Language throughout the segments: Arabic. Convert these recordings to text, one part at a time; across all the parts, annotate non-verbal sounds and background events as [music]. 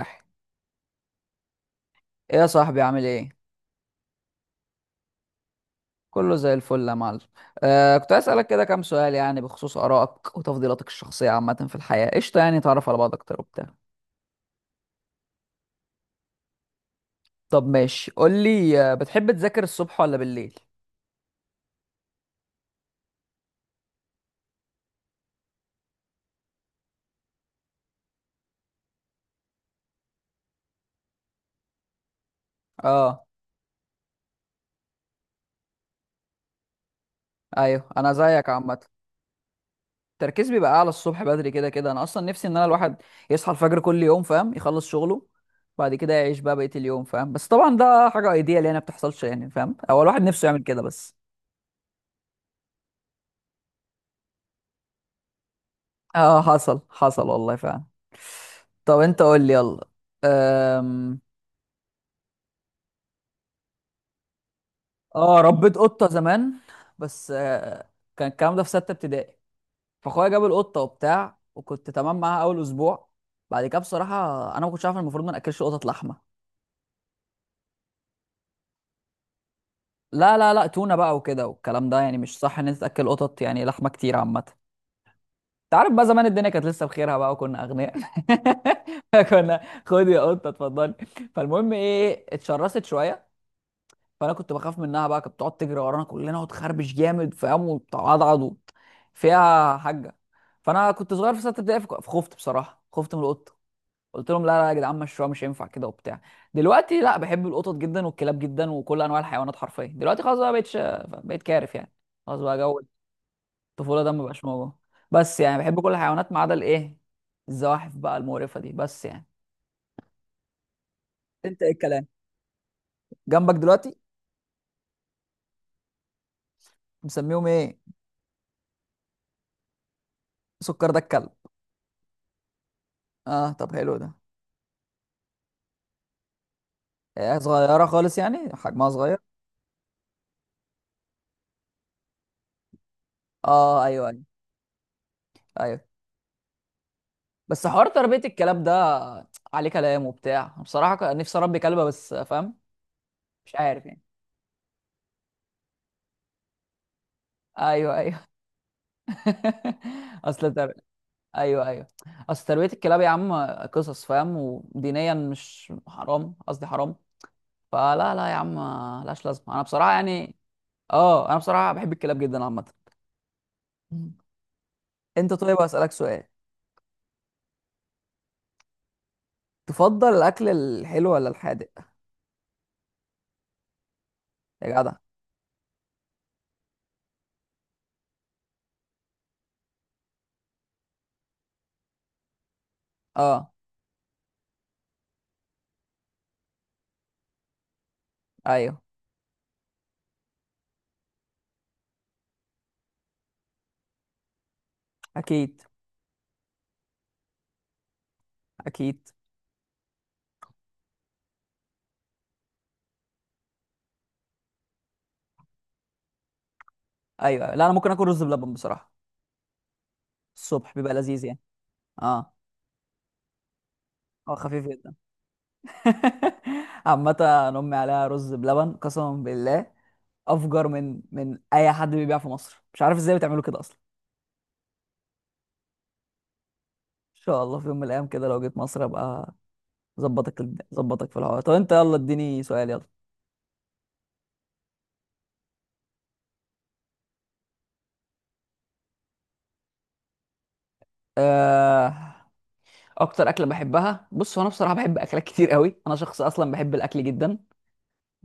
ايه؟ يا صاحبي عامل ايه؟ كله زي الفل يا معلم. كنت عايز اسالك كده كام سؤال، يعني بخصوص ارائك وتفضيلاتك الشخصيه عامه في الحياه. قشطه؟ يعني تعرف على بعض اكتر وبتاع. طب ماشي، قول لي. بتحب تذاكر الصبح ولا بالليل؟ اه ايوه انا زيك عامه. التركيز بيبقى اعلى الصبح بدري، كده كده انا اصلا نفسي ان انا الواحد يصحى الفجر كل يوم، فاهم؟ يخلص شغله بعد كده يعيش بقى بقيه اليوم، فاهم؟ بس طبعا ده حاجه ايديال يعني، ما بتحصلش، يعني فاهم هو الواحد نفسه يعمل كده بس. اه حصل حصل والله فعلا. طب انت قول لي، يلا. أم... اه ربيت قطة زمان، بس كان الكلام ده في ستة ابتدائي، فاخويا جاب القطة وبتاع وكنت تمام معاها اول اسبوع. بعد كده بصراحة انا ما كنتش عارف إن المفروض ما ناكلش قطط لحمة. لا تونة بقى وكده، والكلام ده يعني مش صح ان انت تاكل قطط يعني لحمة كتير عامة. انت عارف بقى زمان الدنيا كانت لسه بخيرها بقى، وكنا اغنياء. [laughs] كنا خد يا قطة اتفضلي. فالمهم ايه، اتشرست شوية، فانا كنت بخاف منها بقى، كانت بتقعد تجري ورانا كلنا وتخربش جامد، فاهم؟ وتعضعض فيها حاجه. فانا كنت صغير في سته ابتدائي، فخفت بصراحه، خفت من القطه. قلت لهم لا لا يا جدعان، مشروع مش هينفع كده وبتاع. دلوقتي لا، بحب القطط جدا والكلاب جدا وكل انواع الحيوانات حرفيا. دلوقتي خلاص بقى، بقيتش بقيت كارف يعني. خلاص بقى جو الطفوله ده مبقاش موجود. بس يعني بحب كل الحيوانات ما عدا الايه، الزواحف بقى المقرفه دي، بس يعني. انت ايه الكلام؟ جنبك دلوقتي؟ مسميهم ايه؟ سكر ده الكلب؟ اه طب حلو ده. صغيرة خالص يعني، حجمها صغير؟ اه ايوه ايوه ايوه. بس حوار تربية الكلاب ده عليه كلام وبتاع، أنا بصراحة كان نفسي اربي كلبة بس، فاهم؟ مش عارف يعني. ايوه ايوه. [laughs] اصل تر... ايوه ايوه. اصل تربية الكلاب يا عم قصص، فاهم؟ ودينيا مش حرام، قصدي حرام. فلا لا يا عم، لاش لازمة، انا بصراحة يعني. اه انا بصراحة بحب الكلاب جدا عامة. [laughs] مم. انت طيب، اسألك سؤال؟ تفضل الاكل الحلو ولا الحادق؟ يا جدع. اه ايوه اكيد. اكيد ايوه أيوة. لا انا ممكن اكل رز بلبن بصراحه، الصبح بيبقى لذيذ يعني. اه هو خفيف جدا. [laughs] عامه أنا امي عليها رز بلبن قسما بالله افجر من اي حد بيبيع في مصر، مش عارف ازاي بتعملوا كده اصلا. ان شاء الله في يوم من الايام كده لو جيت مصر ابقى ظبطك، ظبطك في الحوار. طب انت يلا اديني سؤال، يلا. آه، اكتر اكله بحبها؟ بص، هو انا بصراحه بحب اكلات كتير قوي، انا شخص اصلا بحب الاكل جدا،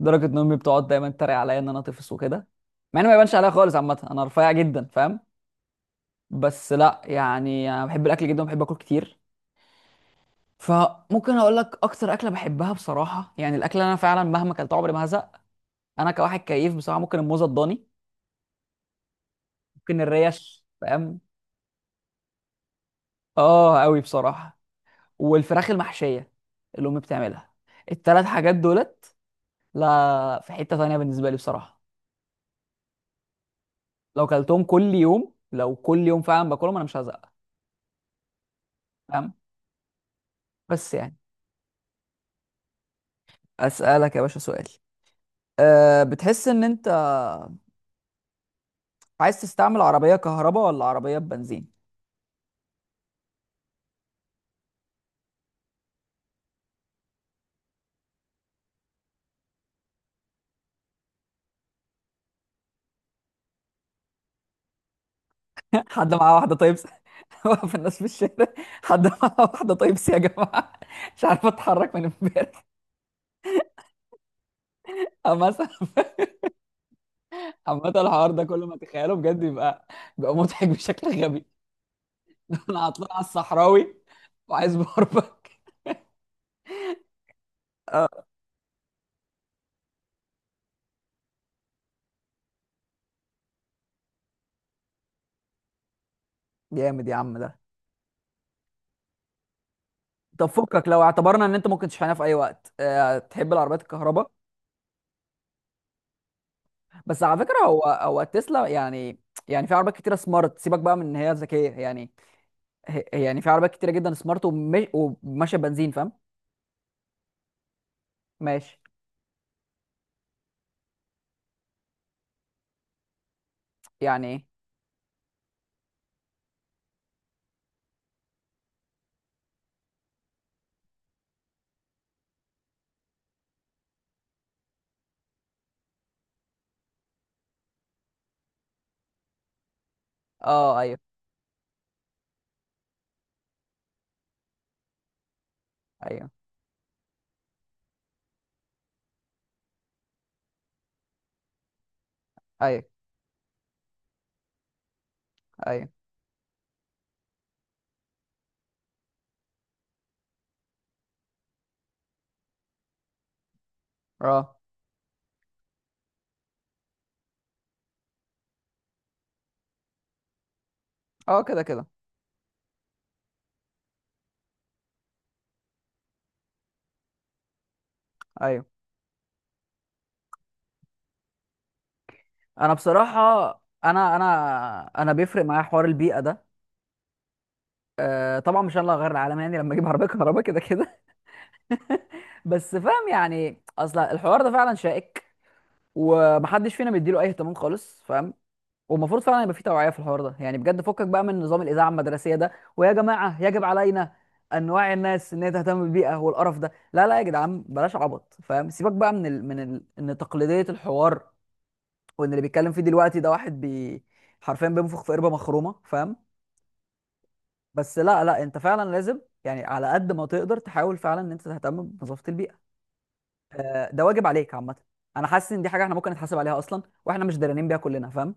لدرجه ان امي بتقعد دايما تتريق عليا ان انا طفل وكده، مع انه ما يبانش عليا خالص عامه، انا رفيع جدا فاهم. بس لا يعني، انا بحب الاكل جدا وبحب اكل كتير. فممكن اقول لك اكتر اكله بحبها بصراحه، يعني الاكل اللي انا فعلا مهما اكلته عمري ما هزق، انا كواحد كيف بصراحه، ممكن الموزه الضاني، ممكن الريش فاهم. اه قوي بصراحه. والفراخ المحشيه اللي امي بتعملها. التلات حاجات دولت لا في حته تانيه بالنسبه لي بصراحه. لو كلتهم كل يوم، لو كل يوم فعلا باكلهم انا مش هزق، فاهم؟ بس يعني. اسالك يا باشا سؤال. أه بتحس ان انت عايز تستعمل عربيه كهرباء ولا عربيه بنزين؟ [laughs] حد معاه واحده طيب؟ [laughs] واقف الناس في الشارع، حد معاه واحده طيب يا جماعه؟ [laughs] مش عارف اتحرك من امبارح. [laughs] مثلا. عامة الحوار ده كل ما تخيله بجد يبقى، بيبقى مضحك بشكل غبي. [laughs] انا عطلان على الصحراوي وعايز باربك. [laughs] اه جامد يا عم ده. طب فكك، لو اعتبرنا ان انت ممكن تشحنها في اي وقت، أه تحب العربيات الكهرباء؟ بس على فكره، هو تسلا يعني، يعني في عربيات كتيره سمارت، سيبك بقى من ان هي ذكيه يعني. يعني في عربيات كتيره جدا سمارت وماشيه بنزين فاهم. ماشي. يعني ايه؟ اه ايوه ايوه ايوه. ايوه. اه اه. كده كده. ايوه انا بصراحه انا انا انا بيفرق معايا حوار البيئه ده. طبعا مش انا اللي هغير العالم يعني لما اجيب عربيه كهرباء كده كده. [laughs] بس فاهم يعني، اصل الحوار ده فعلا شائك ومحدش فينا بيديله اي اهتمام خالص، فاهم؟ والمفروض فعلا يبقى في توعيه في الحوار ده يعني بجد، فكك بقى من نظام الاذاعه المدرسيه ده، ويا جماعه يجب علينا ان نوعي الناس ان هي تهتم بالبيئه والقرف ده. لا لا يا جدعان بلاش عبط فاهم، سيبك بقى ان تقليديه الحوار، وان اللي بيتكلم فيه دلوقتي ده واحد حرفيا بينفخ في قربه مخرومه، فاهم؟ بس لا لا، انت فعلا لازم يعني على قد ما تقدر تحاول فعلا ان انت تهتم بنظافه البيئه. ده واجب عليك عامه. انا حاسس ان دي حاجه احنا ممكن نتحاسب عليها اصلا واحنا مش دارانين بيها كلنا، فاهم؟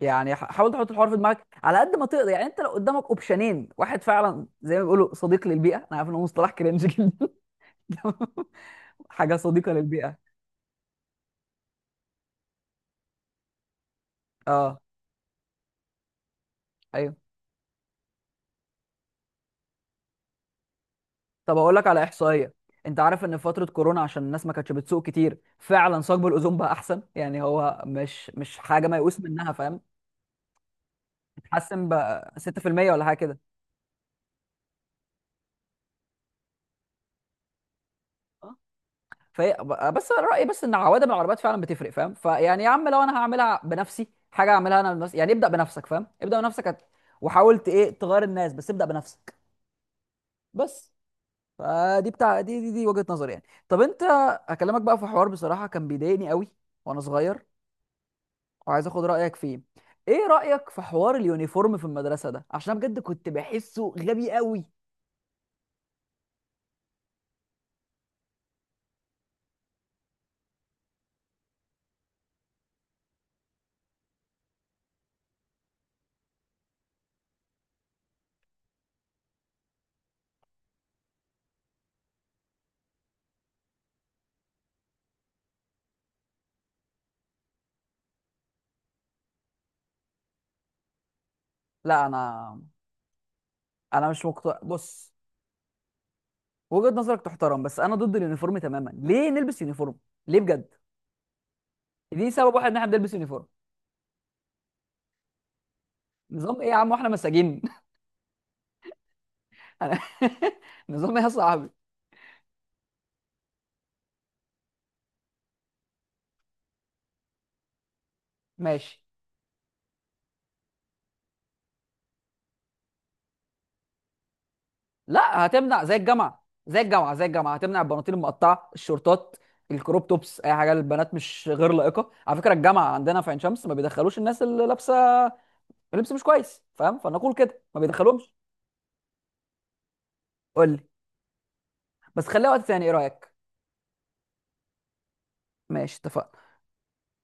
يعني حاول تحط الحوار في دماغك على قد ما تقدر، يعني انت لو قدامك اوبشنين واحد فعلا زي ما بيقولوا صديق للبيئه، انا عارف ان هو مصطلح كرنج جدا. [laughs] حاجه صديقه للبيئه. اه ايوه. طب اقول لك على احصائيه، انت عارف ان في فتره كورونا عشان الناس ما كانتش بتسوق كتير فعلا ثقب الاوزون بقى احسن، يعني هو مش حاجه ميؤوس منها فاهم. اتحسن بقى 6% ولا حاجه كده. فهي، بس أنا رايي بس ان عوادم العربيات فعلا بتفرق فاهم، فيعني يا عم، لو انا هعملها بنفسي حاجه اعملها انا بنفسي، يعني ابدا بنفسك فاهم، ابدا بنفسك، وحاولت ايه تغير الناس، بس ابدا بنفسك. بس. فدي بتاع دي دي, دي وجهه نظري يعني. طب انت، هكلمك بقى في حوار بصراحه كان بيضايقني قوي وانا صغير، وعايز اخد رايك فيه. ايه رايك في حوار اليونيفورم في المدرسه ده؟ عشان أنا بجد كنت بحسه غبي قوي. لا انا مش مقتنع بص، وجهه نظرك تحترم، بس انا ضد اليونيفورم تماما. ليه نلبس يونيفورم؟ ليه بجد؟ دي سبب واحد ان احنا بنلبس يونيفورم؟ نظام ايه يا عم واحنا مساجين؟ [laughs] أنا- [laughs] نظام ايه يا صاحبي؟ ماشي. لا هتمنع، زي الجامعه، زي الجامعه هتمنع البناطيل المقطعه، الشورتات، الكروب توبس، اي حاجه للبنات مش غير لائقه. على فكره الجامعه عندنا في عين شمس ما بيدخلوش الناس اللي لابسه لبس مش كويس، فاهم؟ فنقول كده، ما بيدخلوهمش. قول لي. بس خليها وقت تاني، ايه رايك؟ ماشي اتفقنا.